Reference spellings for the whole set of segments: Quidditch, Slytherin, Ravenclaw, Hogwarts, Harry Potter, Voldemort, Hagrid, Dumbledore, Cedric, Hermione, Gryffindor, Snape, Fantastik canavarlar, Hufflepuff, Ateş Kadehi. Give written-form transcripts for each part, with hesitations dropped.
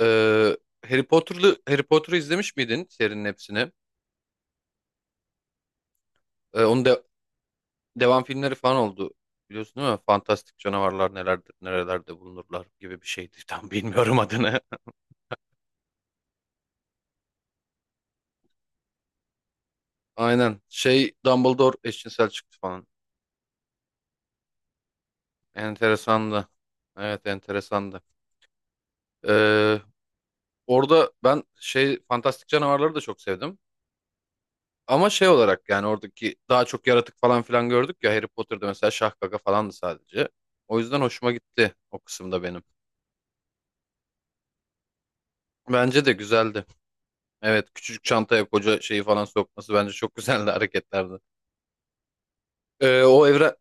Ee, Harry Potter'ı izlemiş miydin serinin hepsini? Onun devam filmleri falan oldu. Biliyorsun değil mi? Fantastik canavarlar nelerdir, nerelerde bulunurlar gibi bir şeydi. Tam bilmiyorum adını. Aynen. Şey Dumbledore eşcinsel çıktı falan. Enteresandı. Evet enteresandı. Ee, Orada ben şey fantastik canavarları da çok sevdim. Ama şey olarak yani oradaki daha çok yaratık falan filan gördük ya Harry Potter'da mesela şah gaga falandı sadece. O yüzden hoşuma gitti o kısımda benim. Bence de güzeldi. Evet, küçücük çantaya koca şeyi falan sokması bence çok güzeldi hareketlerdi. Ee, o evre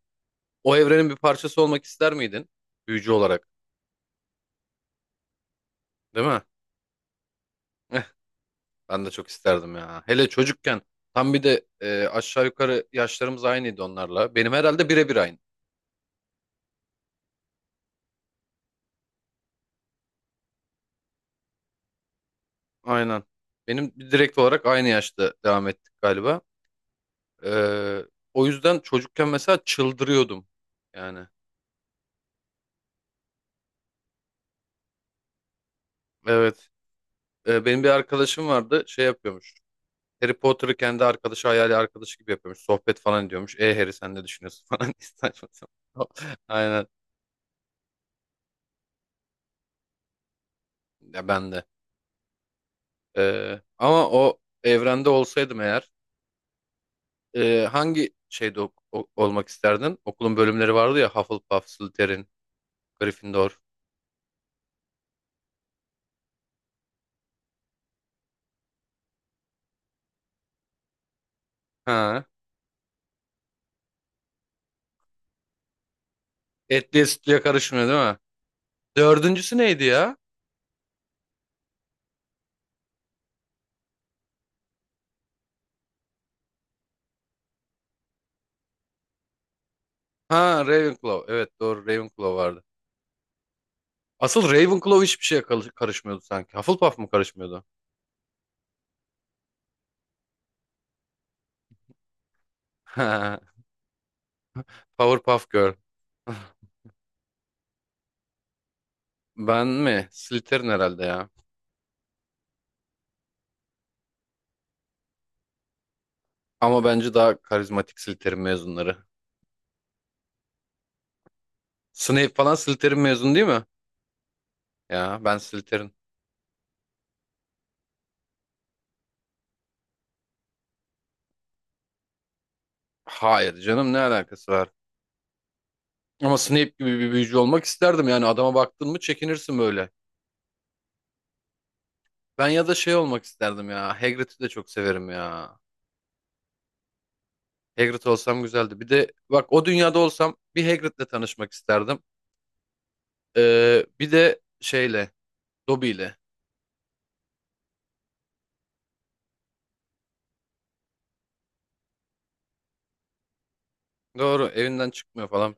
o evrenin bir parçası olmak ister miydin? Büyücü olarak, değil mi? Eh, Ben de çok isterdim ya. Hele çocukken tam bir de aşağı yukarı yaşlarımız aynıydı onlarla. Benim herhalde birebir aynı. Aynen. Benim direkt olarak aynı yaşta devam ettik galiba. Ee, O yüzden çocukken mesela çıldırıyordum. Yani. Evet. Benim bir arkadaşım vardı, şey yapıyormuş. Harry Potter'ı kendi arkadaşı hayali arkadaşı gibi yapıyormuş. Sohbet falan ediyormuş. E Harry sen ne düşünüyorsun falan. Saçma sapan. Aynen. Ya ben de. Ama o evrende olsaydım eğer hangi şeyde olmak isterdin? Okulun bölümleri vardı ya Hufflepuff, Slytherin, Gryffindor. Ha. Etliye sütlüye karışmıyor değil mi? Dördüncüsü neydi ya? Ha Ravenclaw. Evet doğru Ravenclaw vardı. Asıl Ravenclaw hiçbir şeye karışmıyordu sanki. Hufflepuff mı karışmıyordu? Ha, Powerpuff Girl. Ben mi? Slytherin herhalde ya. Ama bence daha karizmatik Slytherin mezunları. Snape falan Slytherin mezun değil mi? Ya ben Slytherin. Hayır canım ne alakası var? Ama Snape gibi bir büyücü olmak isterdim yani adama baktın mı çekinirsin böyle. Ben ya da şey olmak isterdim ya. Hagrid'i de çok severim ya. Hagrid olsam güzeldi. Bir de bak o dünyada olsam bir Hagrid'le tanışmak isterdim. Bir de şeyle, Dobby'yle. Doğru evinden çıkmıyor falan.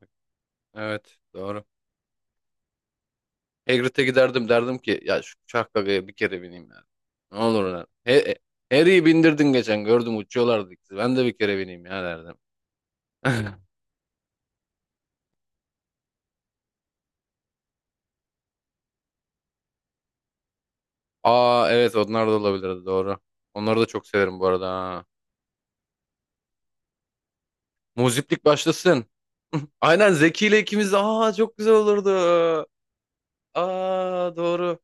Evet doğru. Hagrid'e giderdim derdim ki ya şu uçak gagaya bir kere bineyim ya. Ne olur lan. Harry'i bindirdin geçen gördüm uçuyorlardı ikisi. Ben de bir kere bineyim ya derdim. Aa evet onlar da olabilirdi doğru. Onları da çok severim bu arada. Ha. Muziplik başlasın. Aynen Zeki ile ikimiz de aa çok güzel olurdu. Aa doğru.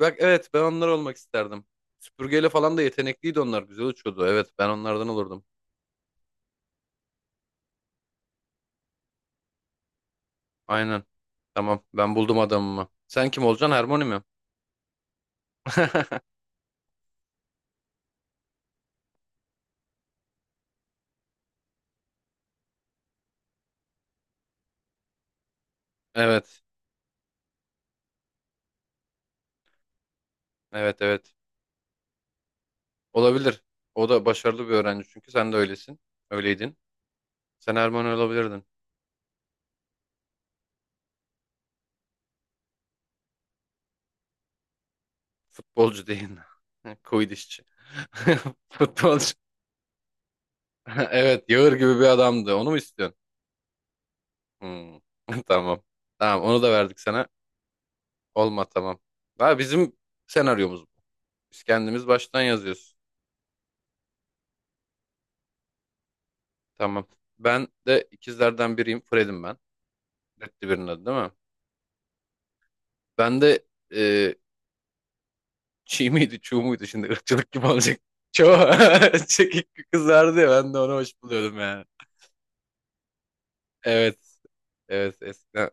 Bak evet ben onlar olmak isterdim. Süpürgeyle falan da yetenekliydi onlar. Güzel uçuyordu. Evet ben onlardan olurdum. Aynen. Tamam ben buldum adamımı. Sen kim olacaksın? Hermione mi? Evet. Evet evet. Olabilir. O da başarılı bir öğrenci çünkü sen de öylesin. Öyleydin. Sen Erman olabilirdin. Futbolcu değil. Koydişçi. Futbolcu. Evet, Yağır gibi bir adamdı. Onu mu istiyorsun? Hmm. Tamam. Tamam, onu da verdik sana. Olma tamam. Ha, bizim senaryomuz bu. Biz kendimiz baştan yazıyoruz. Tamam. Ben de ikizlerden biriyim. Fred'im ben. Reddi birinin adı değil mi? Ben de Çiğ miydi, çuğ muydu şimdi ırkçılık gibi olacak. Çoğu çekik kızardı ya ben de onu hoş buluyordum yani. Evet, evet eskiden.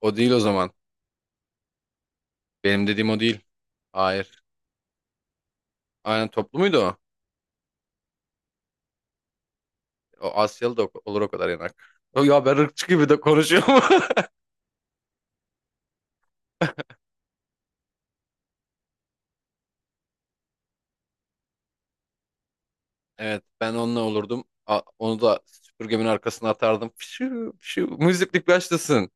O değil o zaman. Benim dediğim o değil. Hayır. Aynen toplu muydu o? O Asyalı da olur o kadar yanak. O Ya ben ırkçı gibi de konuşuyorum. Evet ben onunla olurdum. Onu da süpürgemin arkasına atardım. Şu müziklik başlasın.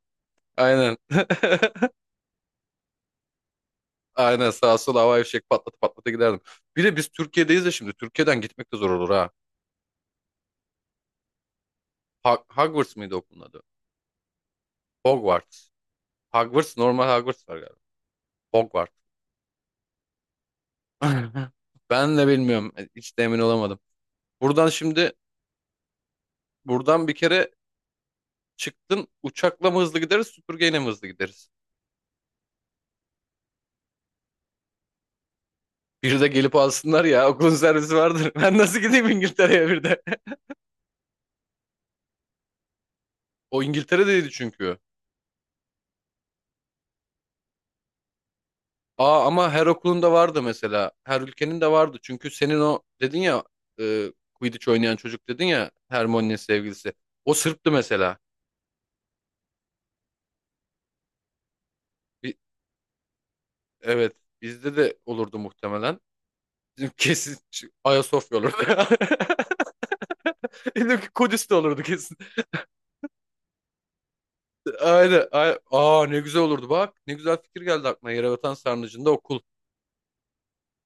Aynen. Aynen sağa sola havai fişek patlata patlata giderdim. Bir de biz Türkiye'deyiz de şimdi. Türkiye'den gitmek de zor olur ha. Hogwarts mıydı okulun adı? Hogwarts. Hogwarts normal Hogwarts var galiba. Hogwarts. Ben de bilmiyorum. Hiç de emin olamadım. Buradan şimdi buradan bir kere çıktın uçakla mı hızlı gideriz süpürgeyle mi hızlı gideriz? Bir de gelip alsınlar ya okulun servisi vardır. Ben nasıl gideyim İngiltere'ye bir de? O İngiltere'deydi çünkü. Aa ama her okulun da vardı mesela. Her ülkenin de vardı. Çünkü senin o dedin ya Quidditch oynayan çocuk dedin ya Hermione'nin sevgilisi. O Sırp'tı mesela. Evet. Bizde de olurdu muhtemelen. Bizim Kesin Ayasofya olurdu. Dedim ki Kudüs olurdu kesin. Aynen. Aa ne güzel olurdu bak. Ne güzel fikir geldi aklına. Yerebatan Sarnıcı'nda okul.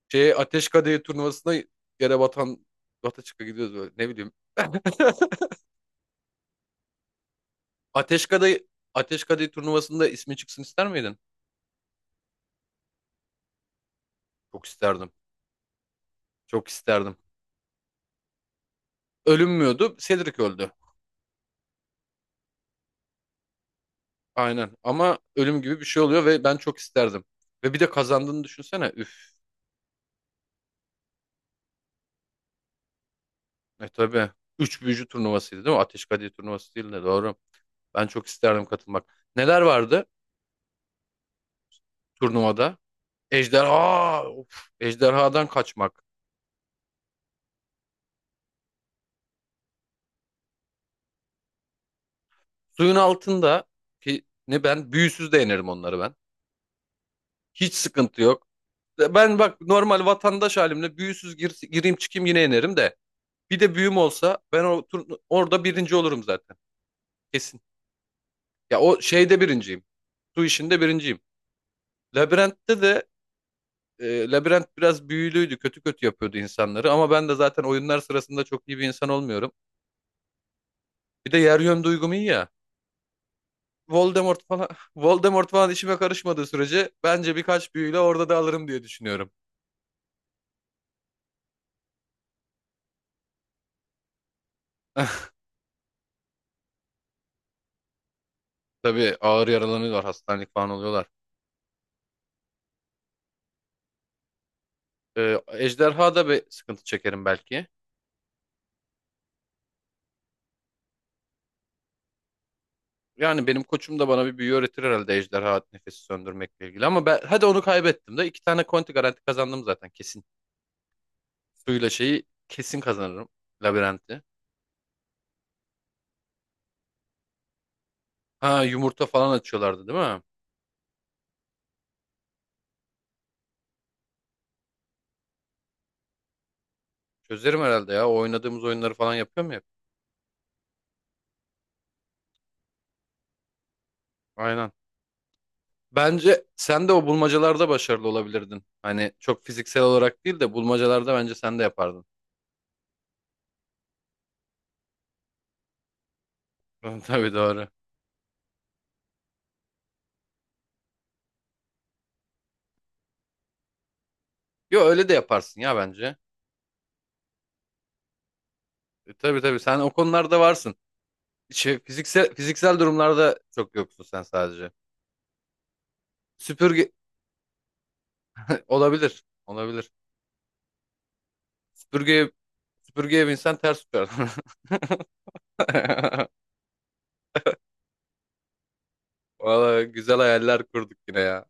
Şeye Ateş Kadehi turnuvasına Yerebatan Bataçık'a gidiyoruz böyle. Ne bileyim. Ateş Kadehi, Ateş Kadehi turnuvasında ismi çıksın ister miydin? Çok isterdim. Çok isterdim. Ölünmüyordu. Cedric öldü. Aynen. Ama ölüm gibi bir şey oluyor ve ben çok isterdim. Ve bir de kazandığını düşünsene. Üf. E tabii. Üç büyücü turnuvasıydı değil mi? Ateş Kadehi turnuvası değil de doğru. Ben çok isterdim katılmak. Neler vardı turnuvada? Ejderha. Of, ejderhadan kaçmak. Suyun altında ki ne ben büyüsüz de yenerim onları ben. Hiç sıkıntı yok. Ben bak normal vatandaş halimle büyüsüz gireyim çıkayım yine yenerim de. Bir de büyüm olsa ben o orada birinci olurum zaten. Kesin. Ya o şeyde birinciyim. Su işinde birinciyim. Labirentte de Labirent biraz büyülüydü. Kötü kötü yapıyordu insanları. Ama ben de zaten oyunlar sırasında çok iyi bir insan olmuyorum. Bir de yer yön duygum iyi ya. Voldemort falan Voldemort falan işime karışmadığı sürece bence birkaç büyüyle orada da alırım diye düşünüyorum. Tabii ağır yaralanıyorlar, hastanelik falan oluyorlar. Ejderha da bir sıkıntı çekerim belki. Yani benim koçum da bana bir büyü öğretir herhalde ejderha nefesi söndürmekle ilgili. Ama ben, hadi onu kaybettim de iki tane konti garanti kazandım zaten kesin. Suyla şeyi kesin kazanırım. Labirenti. Ha yumurta falan açıyorlardı değil mi? Çözerim herhalde ya. O oynadığımız oyunları falan yapıyor mu hep? Aynen. Bence sen de o bulmacalarda başarılı olabilirdin. Hani çok fiziksel olarak değil de bulmacalarda bence sen de yapardın. Tabii doğru. Yo öyle de yaparsın ya bence. Tabii tabii sen o konularda varsın. Şey, fiziksel durumlarda çok yoksun sen sadece. Süpürge olabilir. Olabilir. Süpürge süpürgeye binsen ters uçar. Valla güzel hayaller kurduk yine ya.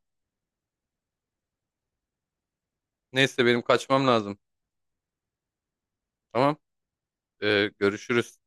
Neyse benim kaçmam lazım. Tamam. Görüşürüz.